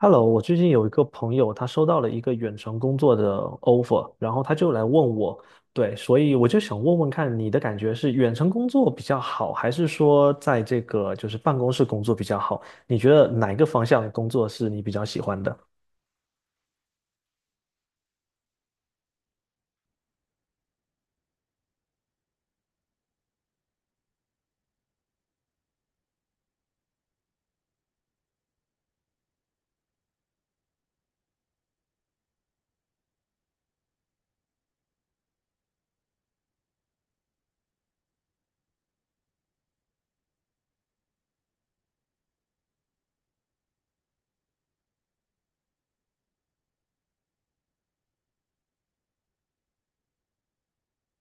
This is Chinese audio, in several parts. Hello，我最近有一个朋友，他收到了一个远程工作的 offer，然后他就来问我，对，所以我就想问问看，你的感觉是远程工作比较好，还是说在这个就是办公室工作比较好？你觉得哪一个方向的工作是你比较喜欢的？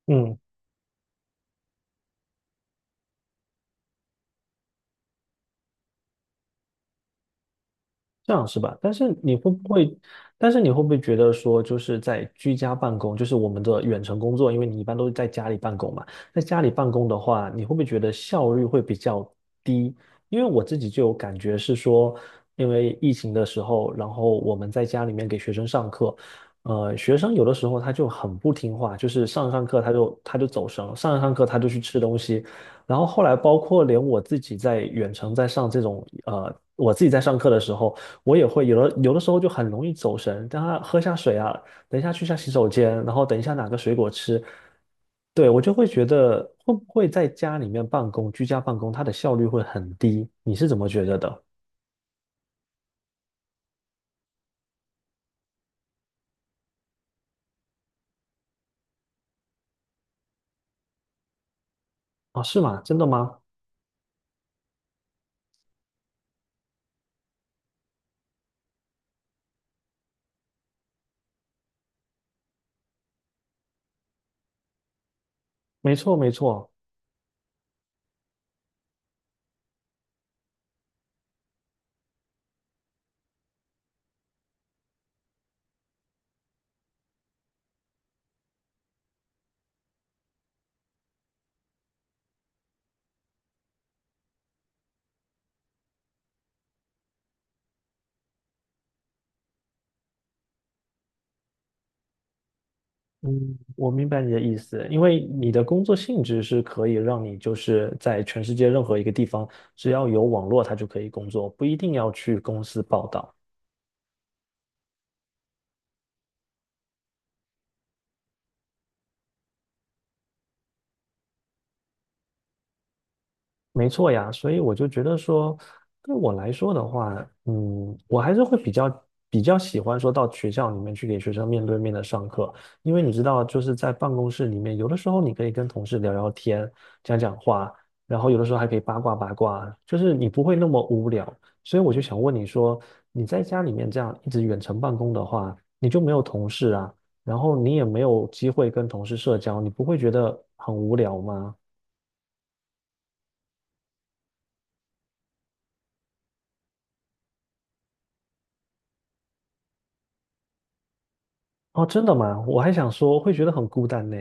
嗯。这样是吧？但是你会不会觉得说，就是在居家办公，就是我们的远程工作，因为你一般都是在家里办公嘛，在家里办公的话，你会不会觉得效率会比较低？因为我自己就有感觉是说，因为疫情的时候，然后我们在家里面给学生上课，学生有的时候他就很不听话，就是上课他就走神，上课他就去吃东西，然后后来包括连我自己在远程在上这种我自己在上课的时候。我也会有的，有的时候就很容易走神。等下喝下水啊，等一下去下洗手间，然后等一下拿个水果吃。对，我就会觉得会不会在家里面办公，居家办公，它的效率会很低？你是怎么觉得的？啊，是吗？真的吗？没错，没错。嗯，我明白你的意思，因为你的工作性质是可以让你就是在全世界任何一个地方，只要有网络，它就可以工作，不一定要去公司报道。没错呀，所以我就觉得说，对我来说的话，嗯，我还是会比较喜欢说到学校里面去给学生面对面的上课，因为你知道，就是在办公室里面，有的时候你可以跟同事聊聊天、讲讲话，然后有的时候还可以八卦八卦，就是你不会那么无聊。所以我就想问你说，你在家里面这样一直远程办公的话，你就没有同事啊，然后你也没有机会跟同事社交，你不会觉得很无聊吗？哦，真的吗？我还想说，会觉得很孤单呢。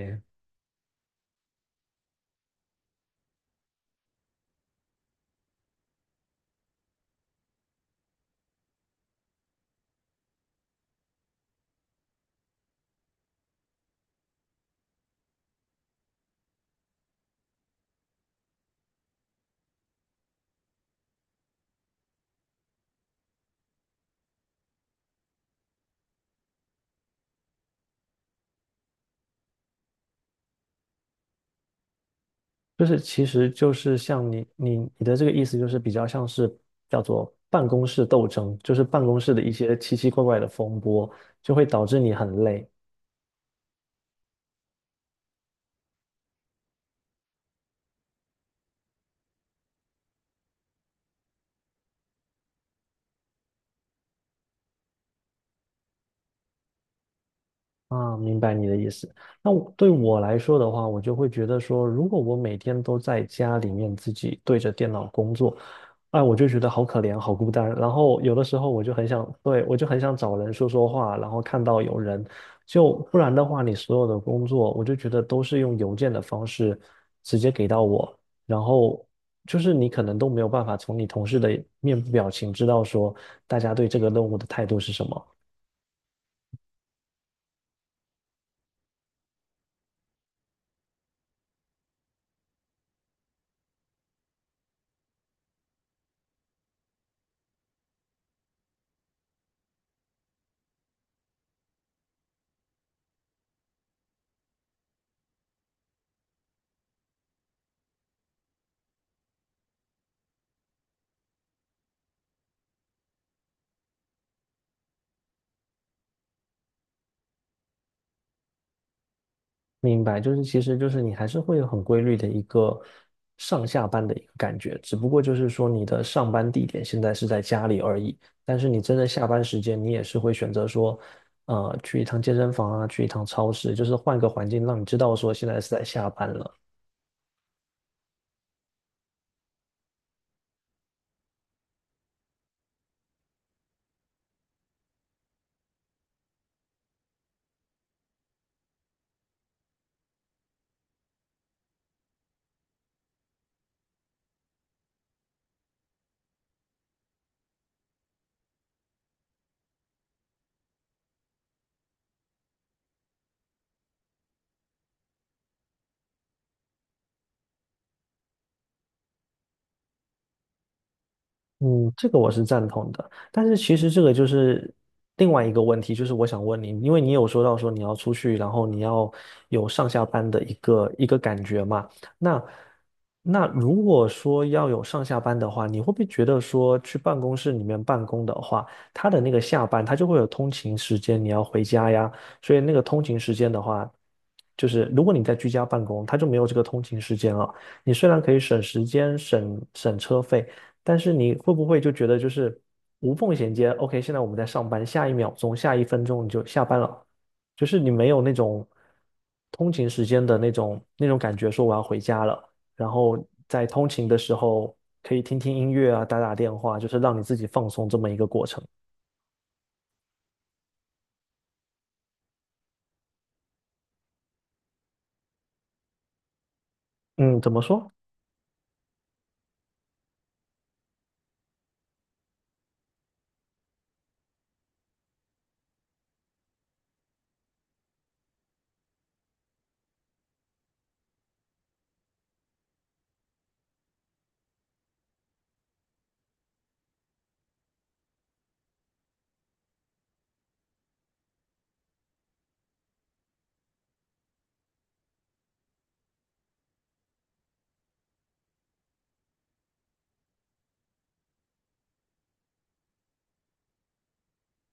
就是其实就是像你的这个意思，就是比较像是叫做办公室斗争，就是办公室的一些奇奇怪怪的风波，就会导致你很累。啊，明白你的意思。那我来说的话，我就会觉得说，如果我每天都在家里面自己对着电脑工作，哎，我就觉得好可怜，好孤单。然后有的时候我就很想，对，我就很想找人说说话，然后看到有人，就不然的话，你所有的工作，我就觉得都是用邮件的方式直接给到我，然后就是你可能都没有办法从你同事的面部表情知道说大家对这个任务的态度是什么。明白，就是其实就是你还是会有很规律的一个上下班的一个感觉，只不过就是说你的上班地点现在是在家里而已，但是你真的下班时间，你也是会选择说，去一趟健身房啊，去一趟超市，就是换个环境，让你知道说现在是在下班了。嗯，这个我是赞同的，但是其实这个就是另外一个问题，就是我想问你，因为你有说到说你要出去，然后你要有上下班的一个感觉嘛，那那如果说要有上下班的话，你会不会觉得说去办公室里面办公的话，他的那个下班他就会有通勤时间，你要回家呀，所以那个通勤时间的话，就是如果你在居家办公，他就没有这个通勤时间了，你虽然可以省时间、省车费。但是你会不会就觉得就是无缝衔接？OK，现在我们在上班，下一秒钟、下一分钟你就下班了，就是你没有那种通勤时间的那种感觉，说我要回家了。然后在通勤的时候可以听听音乐啊，打打电话，就是让你自己放松这么一个过程。嗯，怎么说？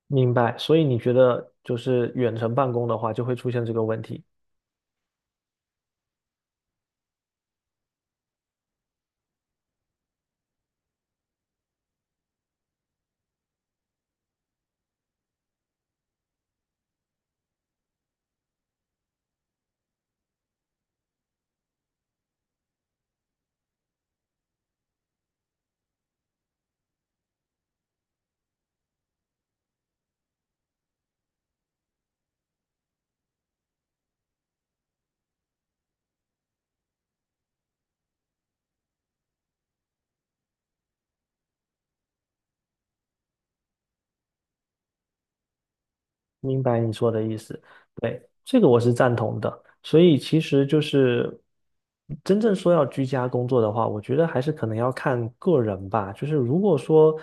明白。所以你觉得就是远程办公的话，就会出现这个问题。明白你说的意思，对，这个我是赞同的。所以其实就是真正说要居家工作的话，我觉得还是可能要看个人吧。就是如果说，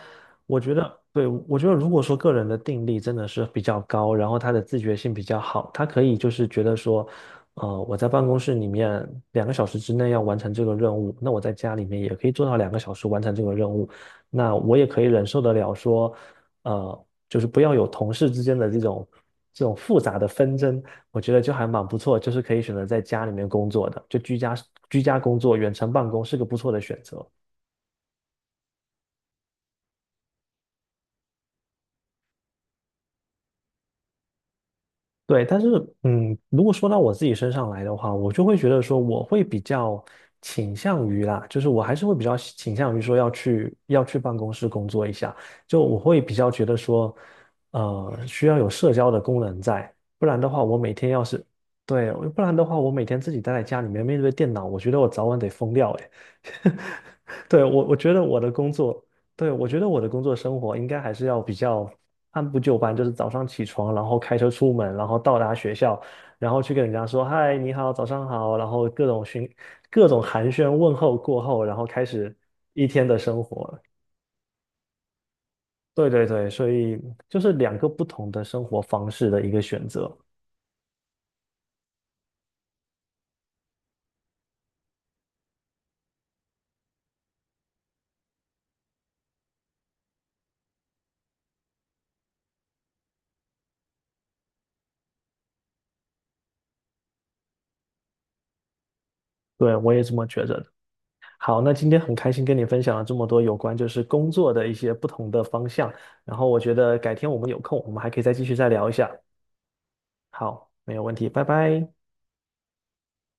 我觉得，对，我觉得如果说个人的定力真的是比较高，然后他的自觉性比较好，他可以就是觉得说，我在办公室里面两个小时之内要完成这个任务，那我在家里面也可以做到两个小时完成这个任务，那我也可以忍受得了说。就是不要有同事之间的这种复杂的纷争，我觉得就还蛮不错，就是可以选择在家里面工作的，就居家工作、远程办公是个不错的选择。对，但是嗯，如果说到我自己身上来的话，我就会觉得说，我会比较倾向于啦，就是我还是会比较倾向于说要去办公室工作一下，就我会比较觉得说，需要有社交的功能在，不然的话，我每天要是对，不然的话，我每天自己待在家里面面对电脑，我觉得我早晚得疯掉。对，我觉得我的工作，对，我觉得我的工作生活应该还是要比较按部就班，就是早上起床，然后开车出门，然后到达学校，然后去跟人家说嗨，你好，早上好，然后各种寒暄问候过后，然后开始一天的生活。对对对，所以就是两个不同的生活方式的一个选择。对，我也这么觉着。好，那今天很开心跟你分享了这么多有关就是工作的一些不同的方向，然后我觉得改天我们有空，我们还可以再继续聊一下。好，没有问题，拜拜。